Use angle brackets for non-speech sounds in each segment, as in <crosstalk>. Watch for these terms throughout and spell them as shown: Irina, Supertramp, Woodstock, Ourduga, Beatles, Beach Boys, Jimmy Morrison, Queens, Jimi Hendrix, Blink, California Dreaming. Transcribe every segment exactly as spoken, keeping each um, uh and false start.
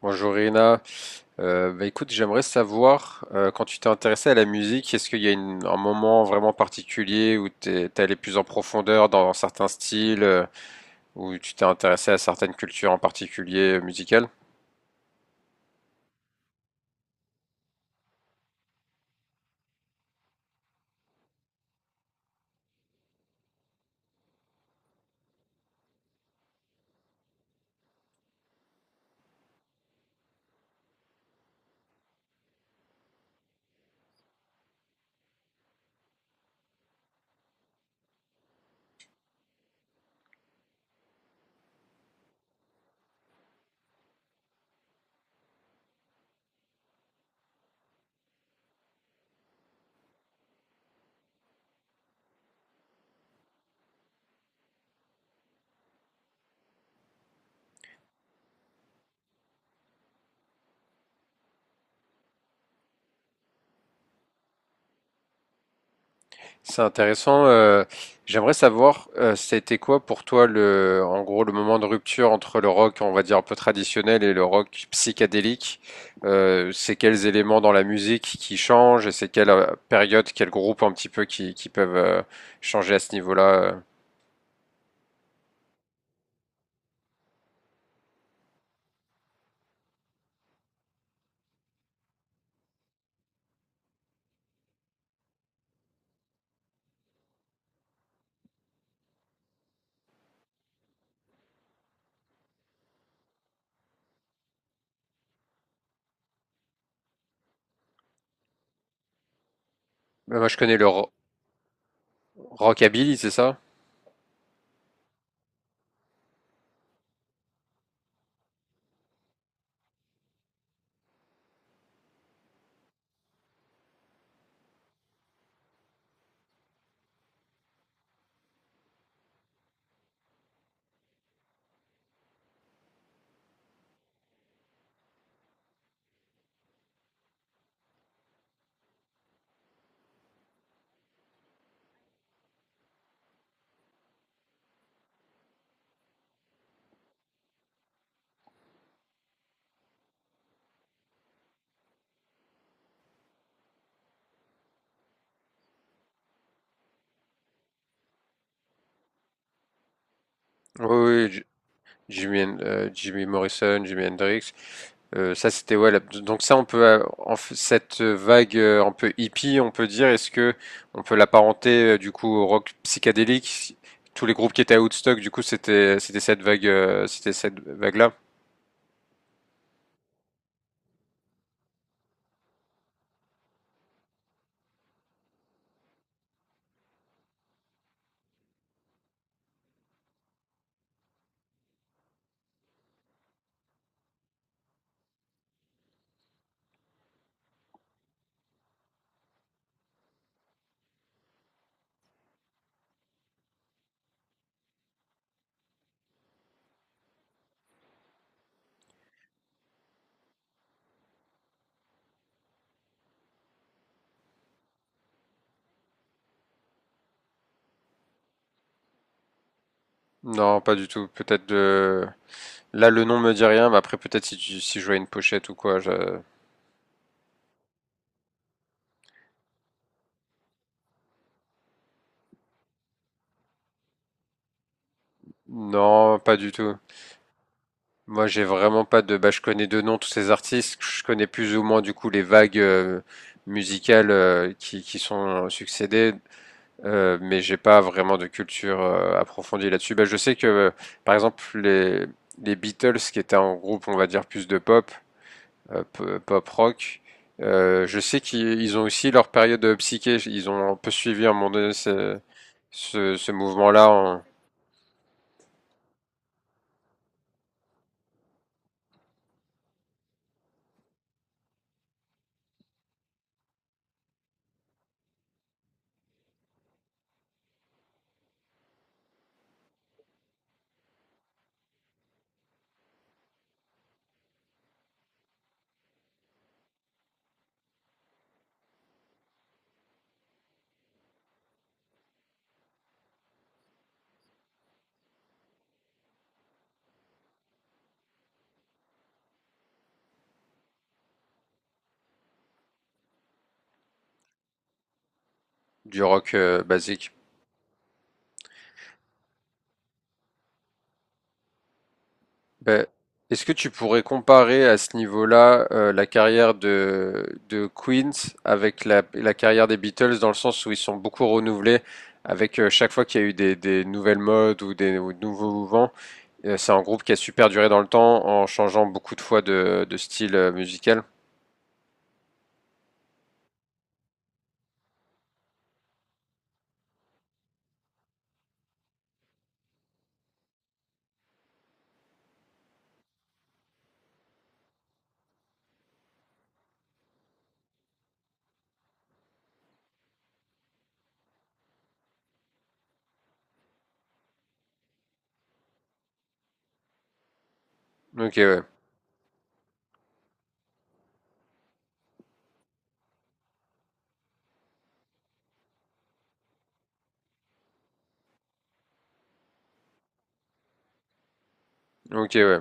Bonjour Irina. Euh, bah écoute, j'aimerais savoir, euh, quand tu t'es intéressée à la musique, est-ce qu'il y a une- un moment vraiment particulier où t'es, t'es allé plus en profondeur dans certains styles, euh, où tu t'es intéressée à certaines cultures en particulier euh, musicales? C'est intéressant. Euh, j'aimerais savoir, euh, c'était quoi pour toi le, en gros, le moment de rupture entre le rock, on va dire un peu traditionnel, et le rock psychédélique. Euh, c'est quels éléments dans la musique qui changent et c'est quelle euh, période, quel groupe un petit peu qui, qui peuvent euh, changer à ce niveau-là. euh. Moi, je connais le ro- rockabilly, c'est ça? Oui, oui, Jimmy, euh, Jimmy Morrison, Jimi Hendrix. Euh, ça, c'était ouais. La- donc ça, on peut euh, en f- cette vague euh, un peu hippie, on peut dire. Est-ce que on peut l'apparenter euh, du coup au rock psychédélique? Tous les groupes qui étaient à Woodstock, du coup, c'était c'était cette vague, euh, c'était cette vague-là. Non, pas du tout. Peut-être de... Là, le nom me dit rien, mais après, peut-être si, tu- si je vois une pochette ou quoi. je- Non, pas du tout. Moi, j'ai vraiment pas de, bah, je connais de nom tous ces artistes. Je connais plus ou moins du coup les vagues euh, musicales euh, qui, qui sont succédées, euh, mais j'ai pas vraiment de culture euh, approfondie là-dessus. Bah, je sais que, euh, par exemple, les, les Beatles, qui étaient un groupe, on va dire plus de pop, euh, p- pop rock, euh, je sais qu'ils ils ont aussi leur période euh, psyché. Ils ont un peu suivi à un moment donné ce, ce, ce mouvement-là en- Du rock euh, basique. Ben, est-ce que tu pourrais comparer à ce niveau-là euh, la carrière de, de Queens avec la, la carrière des Beatles dans le sens où ils sont beaucoup renouvelés avec euh, chaque fois qu'il y a eu des, des nouvelles modes ou des ou de nouveaux mouvements? Euh, c'est un groupe qui a super duré dans le temps en changeant beaucoup de fois de, de style euh, musical. Ok, ouais. Ok, ouais.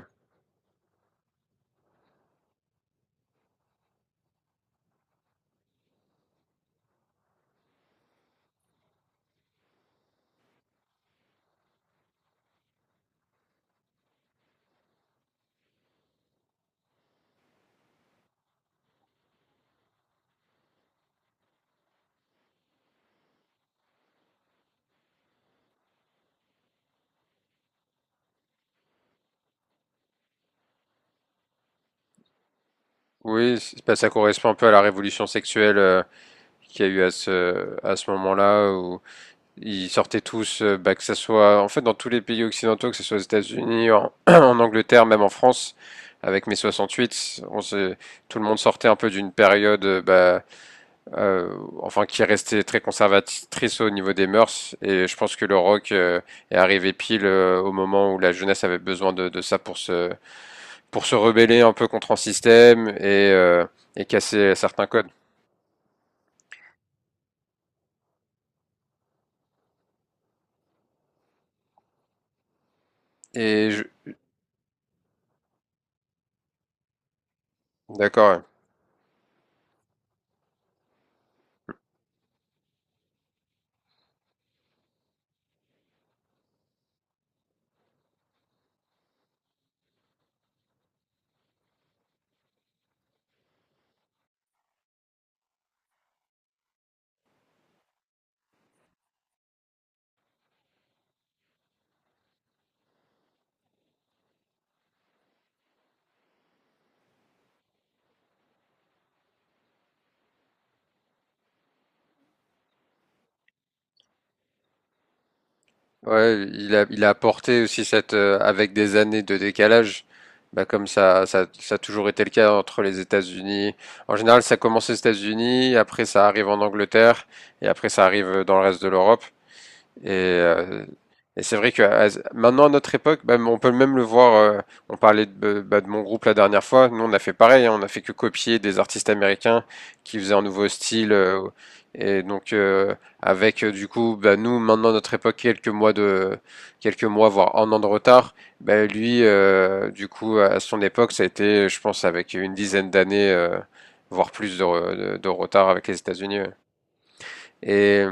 Oui, c'est- ben, ça correspond un peu à la révolution sexuelle euh, qu'il y a eu à ce, à ce moment-là où Ils sortaient tous, euh, bah, que ce soit en fait dans tous les pays occidentaux, que ce soit aux États-Unis, en, <clears throat> en Angleterre, même en France, avec mai soixante-huit, on s'est- tout le monde sortait un peu d'une période, euh, bah, euh, enfin qui restait très conservatrice au niveau des mœurs. Et je pense que le rock euh, est arrivé pile euh, au moment où la jeunesse avait besoin de, de ça pour se pour se rebeller un peu contre un système et euh, et casser certains codes. Et je- d'accord. Ouais, il a, il a apporté aussi cette, euh, avec des années de décalage, bah comme ça, ça, ça a toujours été le cas entre les États-Unis. En général, ça commence aux États-Unis, après ça arrive en Angleterre, et après ça arrive dans le reste de l'Europe. Et, euh, et c'est vrai que à- maintenant à notre époque, bah, on peut même le voir. Euh, on parlait de, bah, bah, de mon groupe la dernière fois. Nous, on a fait pareil. Hein, on a fait que copier des artistes américains qui faisaient un nouveau style. euh, et donc euh, avec euh, du coup, bah, nous maintenant à notre époque quelques mois de quelques mois voire un an de retard. Bah, lui, euh, du coup, à son époque, ça a été, je pense, avec une dizaine d'années, euh, voire plus de, re- de- de retard avec les États-Unis. Ouais. Et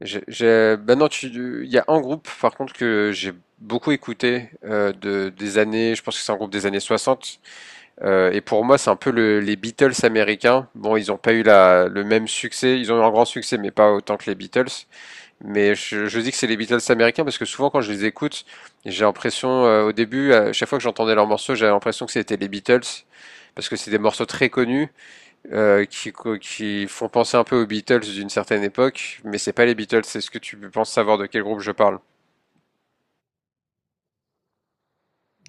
je, je- ben non, tu, il y a un groupe par contre que j'ai beaucoup écouté euh, de, des années, je pense que c'est un groupe des années soixante. euh, et pour moi c'est un peu le- les Beatles américains. Bon, ils n'ont pas eu la, le même succès, ils ont eu un grand succès, mais pas autant que les Beatles. Mais je, je dis que c'est les Beatles américains parce que souvent quand je les écoute, j'ai l'impression, euh, au début, à chaque fois que j'entendais leurs morceaux, j'avais l'impression que c'était les Beatles parce que c'est des morceaux très connus euh, qui, qui font penser un peu aux Beatles d'une certaine époque, mais c'est pas les Beatles. Est-ce que tu penses savoir de quel groupe je parle?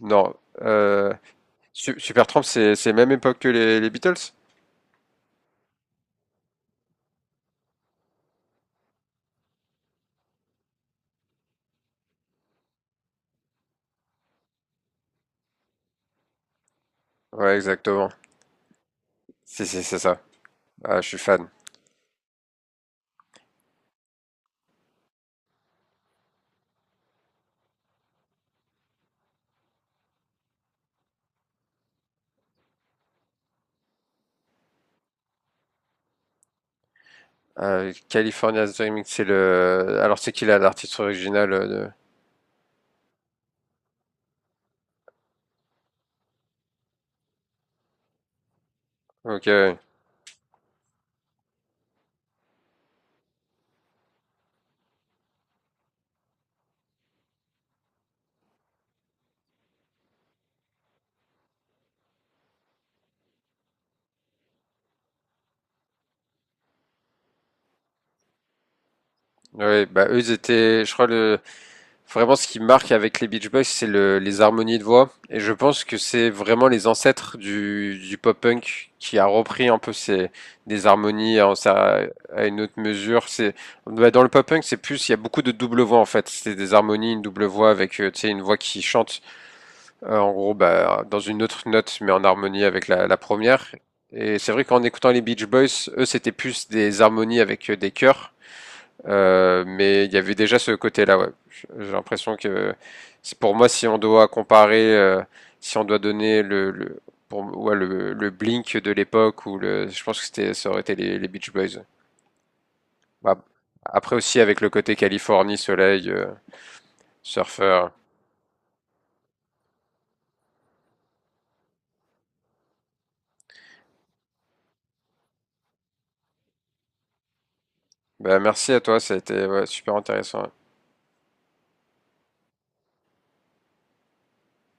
Non. Euh, Su- Supertramp, c'est c'est même époque que les, les Beatles? Ouais, exactement. C'est c'est c'est ça. Ah, je suis fan. Euh, California Dreaming, c'est le. Alors c'est qui là l'artiste original euh, de... Ok. Oui, bah eux ils étaient, je crois le Vraiment, ce qui marque avec les Beach Boys, c'est le- les harmonies de voix. Et je pense que c'est vraiment les ancêtres du, du pop-punk qui a repris un peu ces, des harmonies en, ça, à une autre mesure. C'est, bah, dans le pop-punk, c'est plus, il y a beaucoup de double voix en fait. C'est des harmonies, une double voix avec, euh, tu sais, une voix qui chante, euh, en gros, bah, dans une autre note, mais en harmonie avec la, la première. Et c'est vrai qu'en écoutant les Beach Boys, eux, c'était plus des harmonies avec euh, des chœurs. Euh, mais il y avait déjà ce côté-là, ouais. J'ai l'impression que c'est pour moi, si on doit comparer, euh, si on doit donner le, le, pour, ouais, le, le Blink de l'époque, ou le, je pense que c'était, ça aurait été les, les Beach Boys. Bah, après aussi, avec le côté Californie, soleil, euh, surfeur. Bah, merci à toi, ça a été ouais, super intéressant.